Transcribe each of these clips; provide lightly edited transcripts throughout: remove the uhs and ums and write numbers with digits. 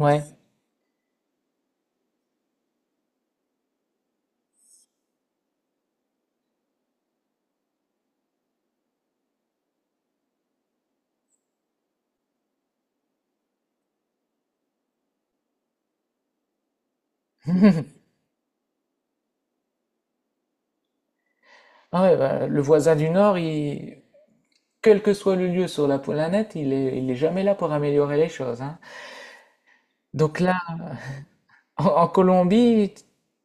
Ouais. Ah ouais, bah, le voisin du Nord, il... quel que soit le lieu sur la planète, il est jamais là pour améliorer les choses, hein. Donc là, en Colombie,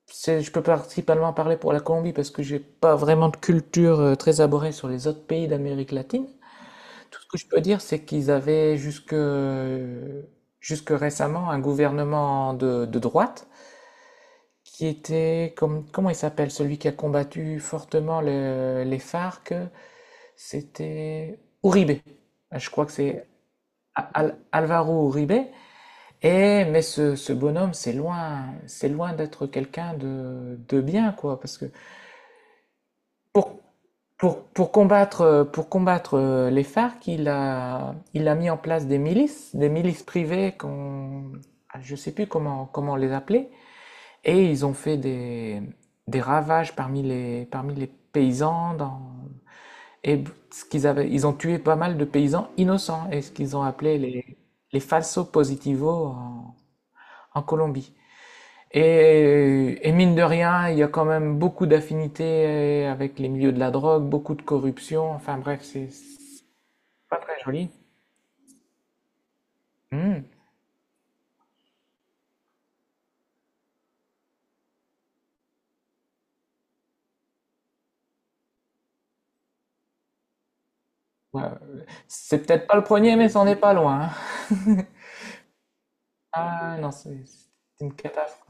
c'est- je peux principalement parler pour la Colombie parce que j'ai pas vraiment de culture très abordée sur les autres pays d'Amérique latine. Tout ce que je peux dire, c'est qu'ils avaient jusque récemment un gouvernement de droite qui était, comme, comment il s'appelle, celui qui a combattu fortement les FARC. C'était Uribe. Je crois que c'est Alvaro Uribe. Et, mais ce bonhomme, c'est loin d'être quelqu'un de bien, quoi. Parce que pour combattre les FARC, il a mis en place des milices privées qu'on, ah, je sais plus comment les appeler. Et ils ont fait des ravages parmi parmi les paysans dans, et ce qu'ils avaient, ils ont tué pas mal de paysans innocents, et ce qu'ils ont appelé les falsos positivos en Colombie. Et mine de rien, il y a quand même beaucoup d'affinités avec les milieux de la drogue, beaucoup de corruption, enfin bref, c'est pas très joli. Hmm. Ouais, c'est peut-être pas le premier, mais c'en est pas loin, hein. Ah non, c'est une catastrophe.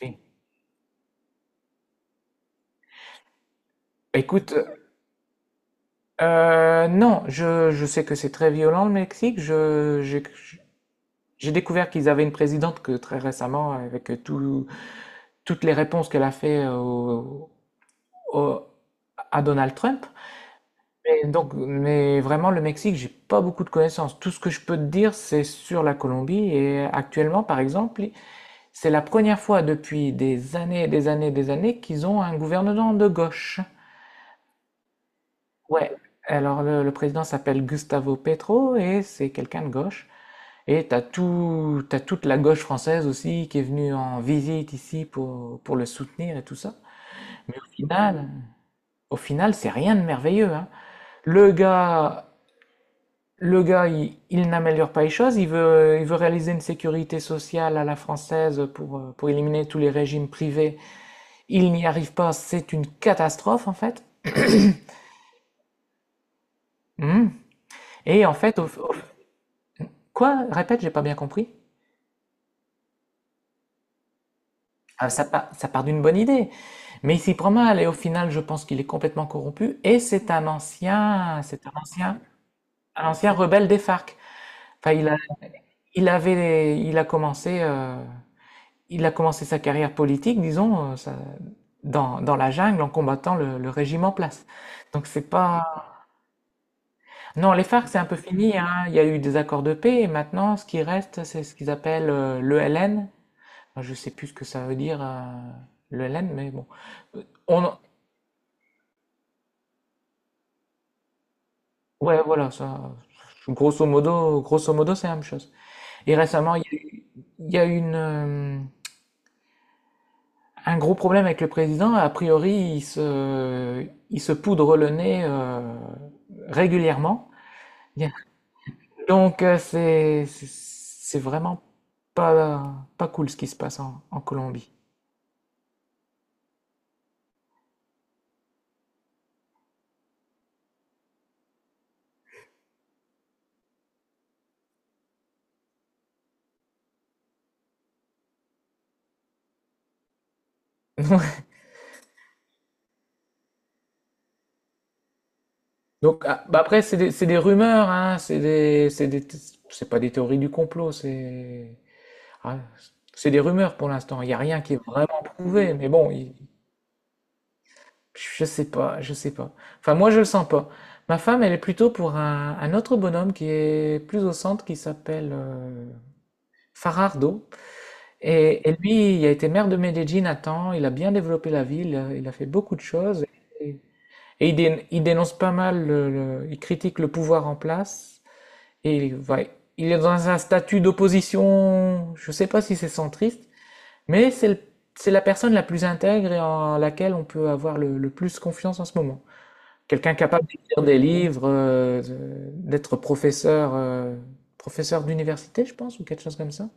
Oui. Bah, écoute, non, je sais que c'est très violent le Mexique. J'ai découvert qu'ils avaient une présidente que très récemment, avec toutes les réponses qu'elle a fait au- à Donald Trump. Mais donc, mais vraiment, le Mexique, j'ai pas beaucoup de connaissances. Tout ce que je peux te dire, c'est sur la Colombie. Et actuellement, par exemple, c'est la première fois depuis des années, des années, des années qu'ils ont un gouvernement de gauche. Ouais. Alors, le président s'appelle Gustavo Petro et c'est quelqu'un de gauche. Et t'as toute la gauche française aussi qui est venue en visite ici pour le soutenir et tout ça. Mais au final, c'est rien de merveilleux, hein. Le gars, le gars, il n'améliore pas les choses. Il veut réaliser une sécurité sociale à la française pour éliminer tous les régimes privés. Il n'y arrive pas. C'est une catastrophe, en fait. Mhm. Et en fait, quoi? Répète, j'ai pas bien compris. Ah, ça part d'une bonne idée. Mais il s'y prend mal et au final, je pense qu'il est complètement corrompu. Et un ancien rebelle des FARC. Enfin, il avait, il a commencé, euh, il a commencé sa carrière politique, disons, dans, dans la jungle en combattant le régime en place. Donc c'est pas, non, les FARC c'est un peu fini, hein. Il y a eu des accords de paix et maintenant, ce qui reste, c'est ce qu'ils appellent l'ELN. Je sais plus ce que ça veut dire, l'ELN, mais bon. On- ouais, voilà, ça, grosso modo, c'est la même chose. Et récemment, il y a eu une, un gros problème avec le président. A priori, il se poudre le nez régulièrement. Bien. Donc, c'est, c'est vraiment pas cool ce qui se passe en Colombie. Donc, ah, bah après, c'est des rumeurs, hein, c'est des, c'est des, c'est pas des théories du complot, c'est. Ah, c'est des rumeurs pour l'instant, il n'y a rien qui est vraiment prouvé, mais bon, je sais pas, je sais pas. Enfin, moi, je le sens pas. Ma femme, elle est plutôt pour un autre bonhomme qui est plus au centre, qui s'appelle Farardo. Et lui, il a été maire de Medellín à temps, il a bien développé la ville, il a fait beaucoup de choses. Et, et il dénonce pas mal, il critique le pouvoir en place. Et il est dans un statut d'opposition, je sais pas si c'est centriste, mais c'est la personne la plus intègre et en laquelle on peut avoir le plus confiance en ce moment. Quelqu'un capable d'écrire des livres, d'être professeur, professeur d'université, je pense, ou quelque chose comme ça.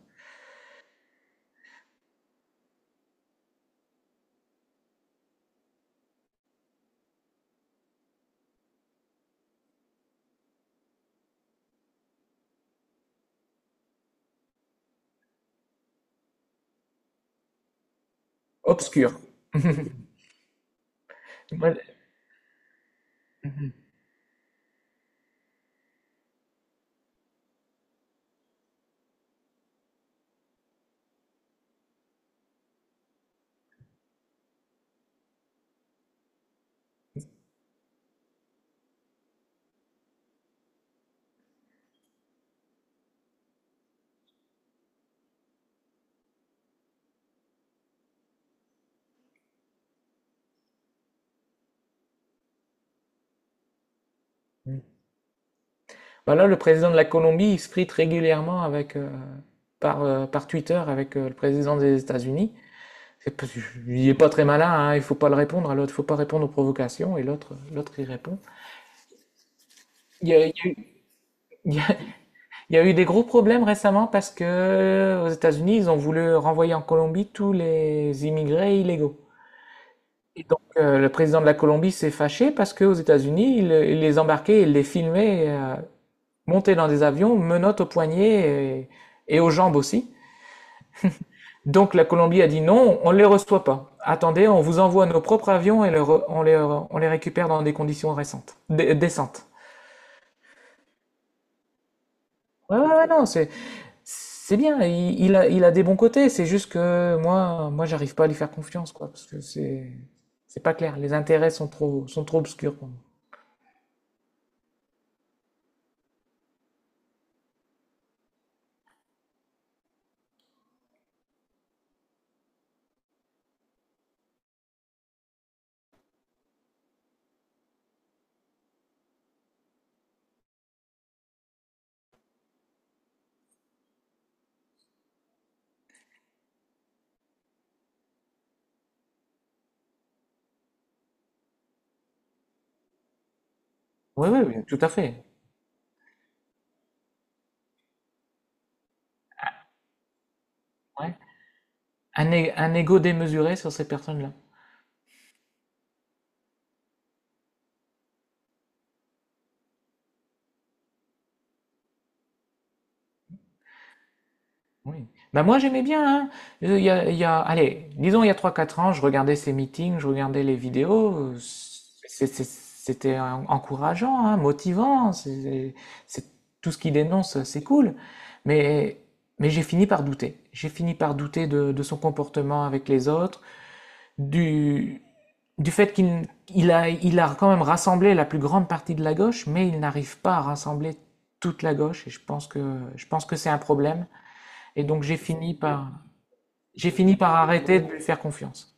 Obscur. Moi, mhm. Bah là, le président de la Colombie, il se frite régulièrement avec, par, par Twitter avec le président des États-Unis. C'est parce que il est pas très malin, hein, il faut pas le répondre à l'autre, faut pas répondre aux provocations, et l'autre, l'autre il répond. Il y a eu- Il y a eu des gros problèmes récemment parce que aux États-Unis, ils ont voulu renvoyer en Colombie tous les immigrés illégaux. Et donc, le président de la Colombie s'est fâché parce qu'aux États-Unis, il les embarquait, il les filmait monter dans des avions, menottes aux poignets et aux jambes aussi. Donc, la Colombie a dit non, on ne les reçoit pas. Attendez, on vous envoie nos propres avions et on les récupère dans des conditions récentes, décentes. Ouais, ouais, ouais, non, c'est bien, il a des bons côtés, c'est juste que moi, moi, j'arrive pas à lui faire confiance, quoi, parce que c'est pas clair. Les intérêts sont trop obscurs pour moi. Oui, oui, oui, tout à fait. Ouais. Un, un ego démesuré sur ces personnes-là. Oui. Bah moi j'aimais bien, hein. Il y a, allez, disons il y a trois quatre ans, je regardais ces meetings, je regardais les vidéos, c'était encourageant, hein, motivant, c'est- tout ce qu'il dénonce, c'est cool. Mais, mais j'ai fini par douter. J'ai fini par douter de son comportement avec les autres, du, du fait qu'il il a quand même rassemblé la plus grande partie de la gauche, mais il n'arrive pas à rassembler toute la gauche, et je pense que c'est un problème. Et donc j'ai fini par arrêter de lui faire confiance.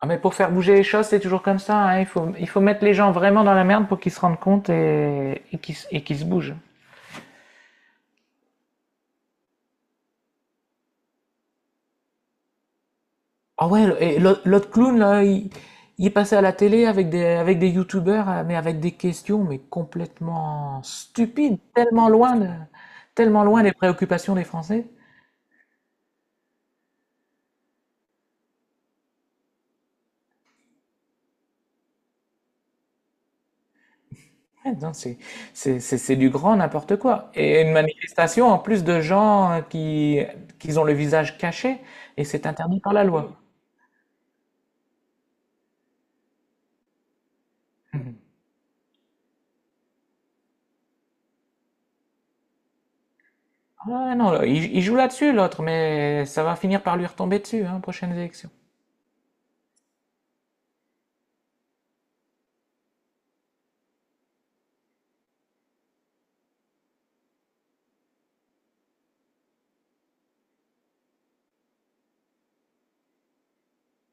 Ah mais pour faire bouger les choses, c'est toujours comme ça, hein. Il faut mettre les gens vraiment dans la merde pour qu'ils se rendent compte et qu'ils et qu'ils se bougent. Ah ouais, et l'autre clown là, il est passé à la télé avec des youtubeurs, mais avec des questions mais complètement stupides, tellement loin des préoccupations des Français. Ah non, c'est du grand n'importe quoi. Et une manifestation en plus de gens qui ont le visage caché et c'est interdit par la loi. Oui. Ah non, là, il joue là-dessus l'autre, mais ça va finir par lui retomber dessus, hein, prochaines élections.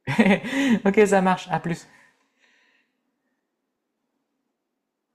Ok, ça marche, à plus.